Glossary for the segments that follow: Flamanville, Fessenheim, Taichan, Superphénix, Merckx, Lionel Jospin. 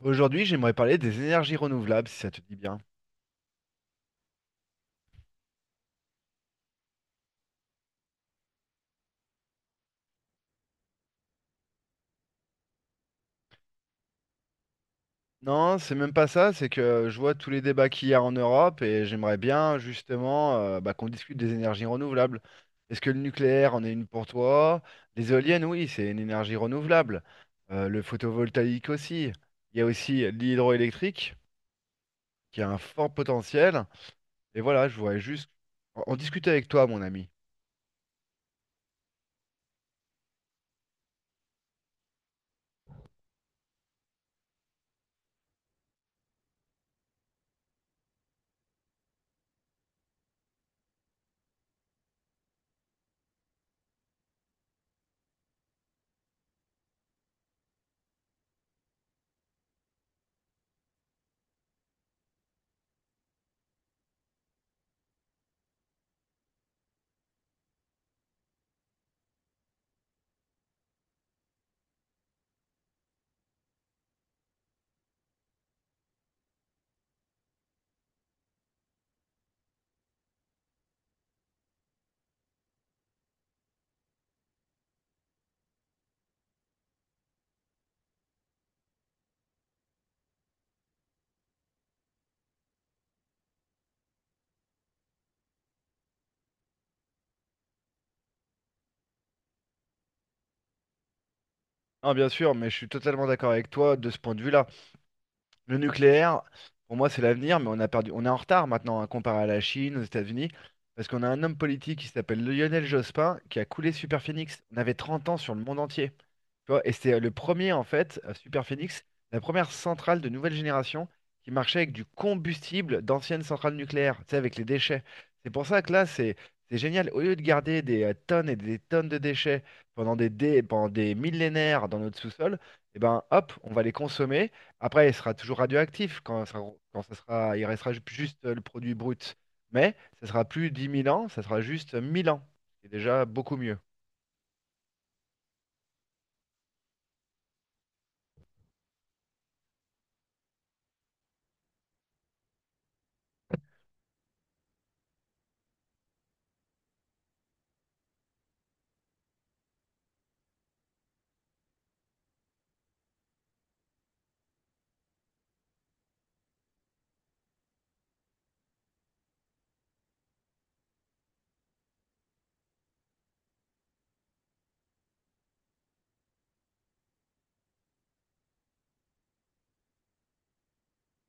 Aujourd'hui, j'aimerais parler des énergies renouvelables, si ça te dit bien. Non, c'est même pas ça, c'est que je vois tous les débats qu'il y a en Europe et j'aimerais bien justement bah, qu'on discute des énergies renouvelables. Est-ce que le nucléaire en est une pour toi? Les éoliennes, oui, c'est une énergie renouvelable. Le photovoltaïque aussi. Il y a aussi l'hydroélectrique qui a un fort potentiel. Et voilà, je voudrais juste en discuter avec toi, mon ami. Non, bien sûr, mais je suis totalement d'accord avec toi de ce point de vue-là. Le nucléaire, pour moi, c'est l'avenir, mais on a perdu, on est en retard maintenant, hein, comparé à la Chine, aux États-Unis, parce qu'on a un homme politique qui s'appelle Lionel Jospin, qui a coulé Superphénix. On avait 30 ans sur le monde entier. Tu vois, et c'était le premier, en fait, Super Phoenix, la première centrale de nouvelle génération qui marchait avec du combustible d'anciennes centrales nucléaires, tu sais, avec les déchets. C'est pour ça que là, c'est génial. Au lieu de garder des tonnes et des tonnes de déchets pendant pendant des millénaires dans notre sous-sol, et ben, hop, on va les consommer. Après, il sera toujours radioactif quand ça sera, il restera juste le produit brut. Mais ça sera plus 10 000 ans, ça sera juste 1000 ans. C'est déjà beaucoup mieux.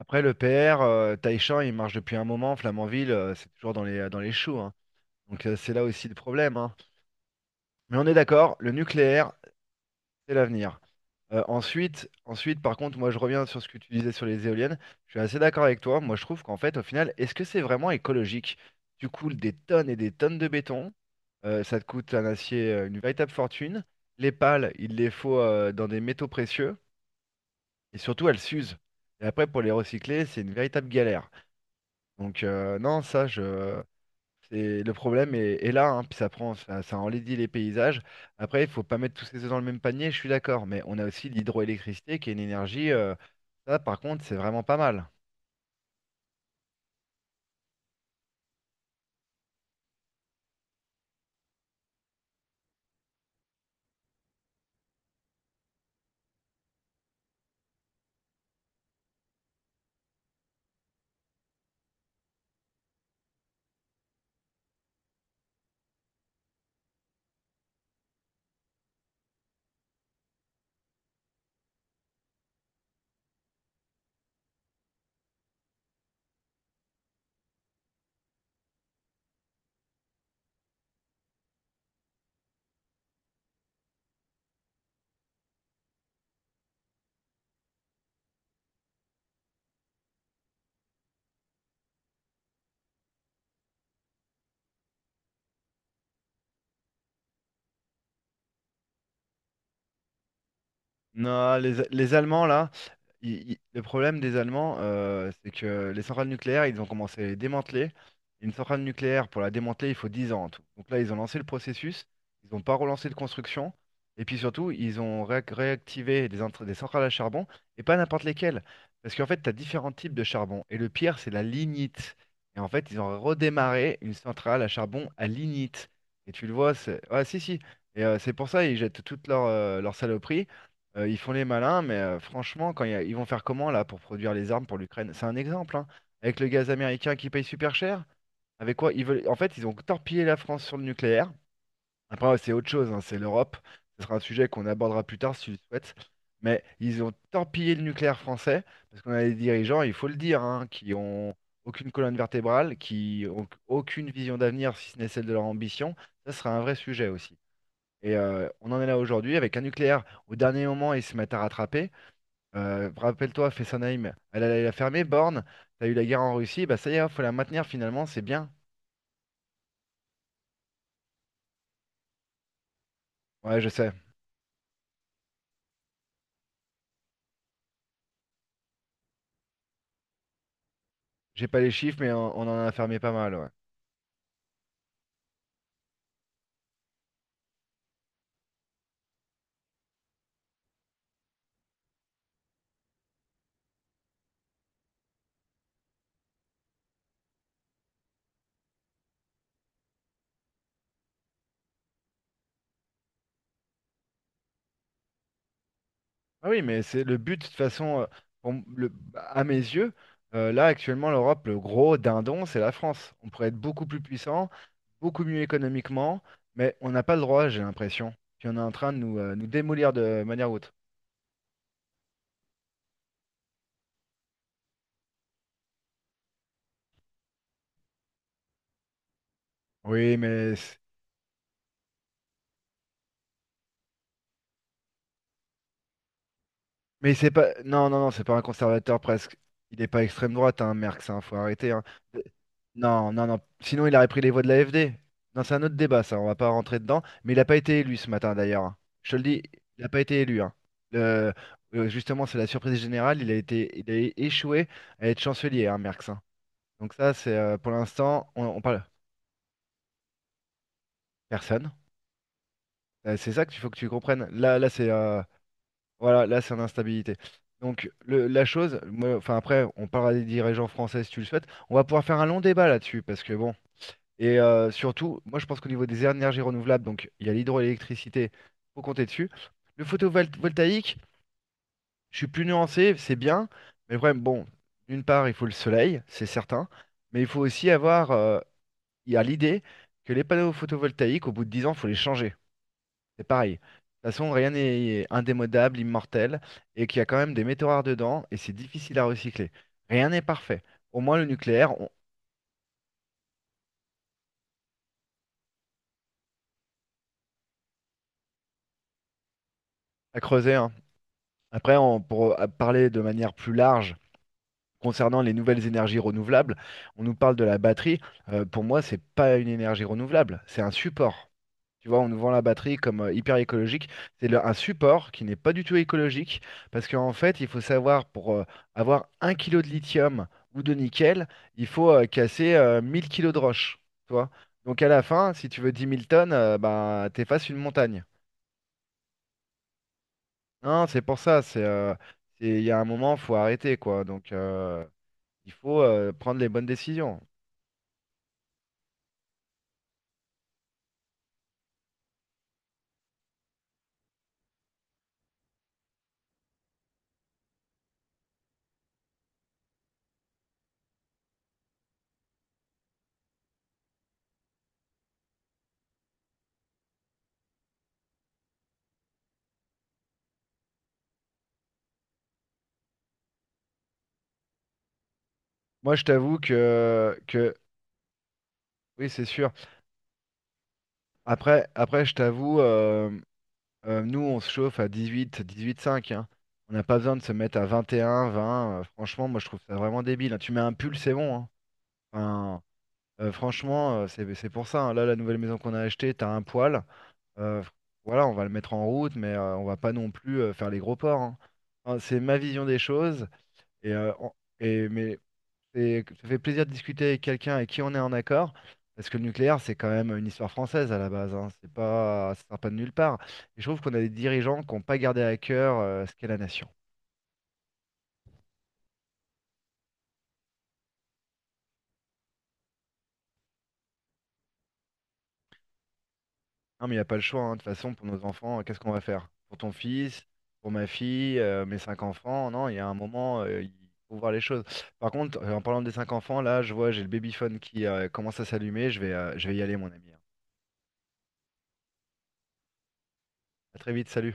Après, le PR, Taichan, il marche depuis un moment. Flamanville, c'est toujours dans dans les choux, hein. Donc, c'est là aussi le problème, hein. Mais on est d'accord, le nucléaire, c'est l'avenir. Ensuite, par contre, moi, je reviens sur ce que tu disais sur les éoliennes. Je suis assez d'accord avec toi. Moi, je trouve qu'en fait, au final, est-ce que c'est vraiment écologique? Tu coules des tonnes et des tonnes de béton. Ça te coûte un acier, une véritable fortune. Les pales, il les faut dans des métaux précieux. Et surtout, elles s'usent. Et après, pour les recycler, c'est une véritable galère. Donc non, ça, je... c'est le problème est là, hein, puis ça prend, ça enlaidit les paysages. Après, il faut pas mettre tous ces œufs dans le même panier, je suis d'accord, mais on a aussi l'hydroélectricité qui est une énergie, ça par contre, c'est vraiment pas mal. Non, les Allemands, là, le problème des Allemands, c'est que les centrales nucléaires, ils ont commencé à les démanteler. Une centrale nucléaire, pour la démanteler, il faut 10 ans en tout. Donc là, ils ont lancé le processus, ils n'ont pas relancé de construction, et puis surtout, ils ont réactivé des centrales à charbon, et pas n'importe lesquelles. Parce qu'en fait, tu as différents types de charbon, et le pire, c'est la lignite. Et en fait, ils ont redémarré une centrale à charbon à lignite. Et tu le vois, c'est... Ouais, si, si. Et c'est pour ça, ils jettent toutes leur saloperies. Ils font les malins, mais franchement, quand ils vont faire comment là pour produire les armes pour l'Ukraine? C'est un exemple, hein. Avec le gaz américain qui paye super cher. Avec quoi ils veulent... En fait, ils ont torpillé la France sur le nucléaire. Après, ouais, c'est autre chose, hein, c'est l'Europe. Ce sera un sujet qu'on abordera plus tard si tu le souhaites. Mais ils ont torpillé le nucléaire français parce qu'on a des dirigeants, il faut le dire, hein, qui ont aucune colonne vertébrale, qui ont aucune vision d'avenir si ce n'est celle de leur ambition. Ça sera un vrai sujet aussi. Et on en est là aujourd'hui avec un nucléaire. Au dernier moment, ils se mettent à rattraper. Rappelle-toi, Fessenheim, elle a fermé Borne, t'as eu la guerre en Russie, bah ça y est, faut la maintenir finalement, c'est bien. Ouais, je sais, j'ai pas les chiffres, mais on en a fermé pas mal, ouais. Ah oui, mais c'est le but, de toute façon, pour à mes yeux, là actuellement, l'Europe, le gros dindon, c'est la France. On pourrait être beaucoup plus puissant, beaucoup mieux économiquement, mais on n'a pas le droit, j'ai l'impression. Puis on est en train de nous, nous démolir de manière haute. Oui, mais mais c'est pas. Non, non, non, c'est pas un conservateur presque. Il n'est pas extrême droite, hein, Merckx, hein, faut arrêter, hein. Non, non, non. Sinon, il aurait pris les voix de l'AFD. Non, c'est un autre débat, ça, on va pas rentrer dedans. Mais il n'a pas été élu ce matin, d'ailleurs, hein. Je te le dis, il n'a pas été élu, hein. Le- Justement, c'est la surprise générale. Il a été... il a échoué à être chancelier, hein, Merckx, hein. Donc, ça, c'est pour l'instant, on parle. Personne. C'est ça qu'il faut que tu comprennes. Là, là c'est. Voilà, là, c'est une instabilité. Donc, la chose, moi, enfin, après, on parlera des dirigeants français si tu le souhaites. On va pouvoir faire un long débat là-dessus, parce que bon. Et surtout, moi, je pense qu'au niveau des énergies renouvelables, donc il y a l'hydroélectricité, faut compter dessus. Le photovoltaïque, je suis plus nuancé, c'est bien. Mais le problème, bon, d'une part, il faut le soleil, c'est certain. Mais il faut aussi avoir, il y a l'idée que les panneaux photovoltaïques, au bout de 10 ans, il faut les changer. C'est pareil. De toute façon, rien n'est indémodable, immortel, et qu'il y a quand même des métaux rares dedans, et c'est difficile à recycler. Rien n'est parfait. Au moins, le nucléaire, on a creusé, hein. Après, pour parler de manière plus large concernant les nouvelles énergies renouvelables, on nous parle de la batterie. Pour moi, c'est pas une énergie renouvelable, c'est un support. Tu vois, on nous vend la batterie comme hyper écologique. Un support qui n'est pas du tout écologique parce qu'en fait, il faut savoir pour avoir un kilo de lithium ou de nickel, il faut casser 1000 kilos de roche. Tu vois? Donc à la fin, si tu veux 10 000 tonnes, bah, t'effaces une montagne. Non, c'est pour ça. Il y a un moment, faut arrêter quoi. Donc il faut prendre les bonnes décisions. Moi, je t'avoue que oui, c'est sûr. Après, je t'avoue. Nous, on se chauffe à 18, 18,5, hein. On n'a pas besoin de se mettre à 21, 20. Franchement, moi, je trouve ça vraiment débile, hein. Tu mets un pull, c'est bon, hein. Enfin, franchement, c'est pour ça, hein. Là, la nouvelle maison qu'on a achetée, t'as un poil. Euh, voilà, on va le mettre en route, mais on va pas non plus faire les gros ports, hein. Hein, c'est ma vision des choses. Et, euh, en- et- mais Ça fait plaisir de discuter avec quelqu'un avec qui on est en accord, parce que le nucléaire, c'est quand même une histoire française à la base, hein. C'est pas, ça sort pas de nulle part. Et je trouve qu'on a des dirigeants qui n'ont pas gardé à cœur ce qu'est la nation. Non, mais il n'y a pas le choix, hein. De toute façon, pour nos enfants, qu'est-ce qu'on va faire? Pour ton fils, pour ma fille, mes cinq enfants, non, il y a un moment, il faut voir les choses. Par contre, en parlant des cinq enfants, là, je vois, j'ai le babyphone qui commence à s'allumer, je vais y aller, mon ami, hein. À très vite, salut.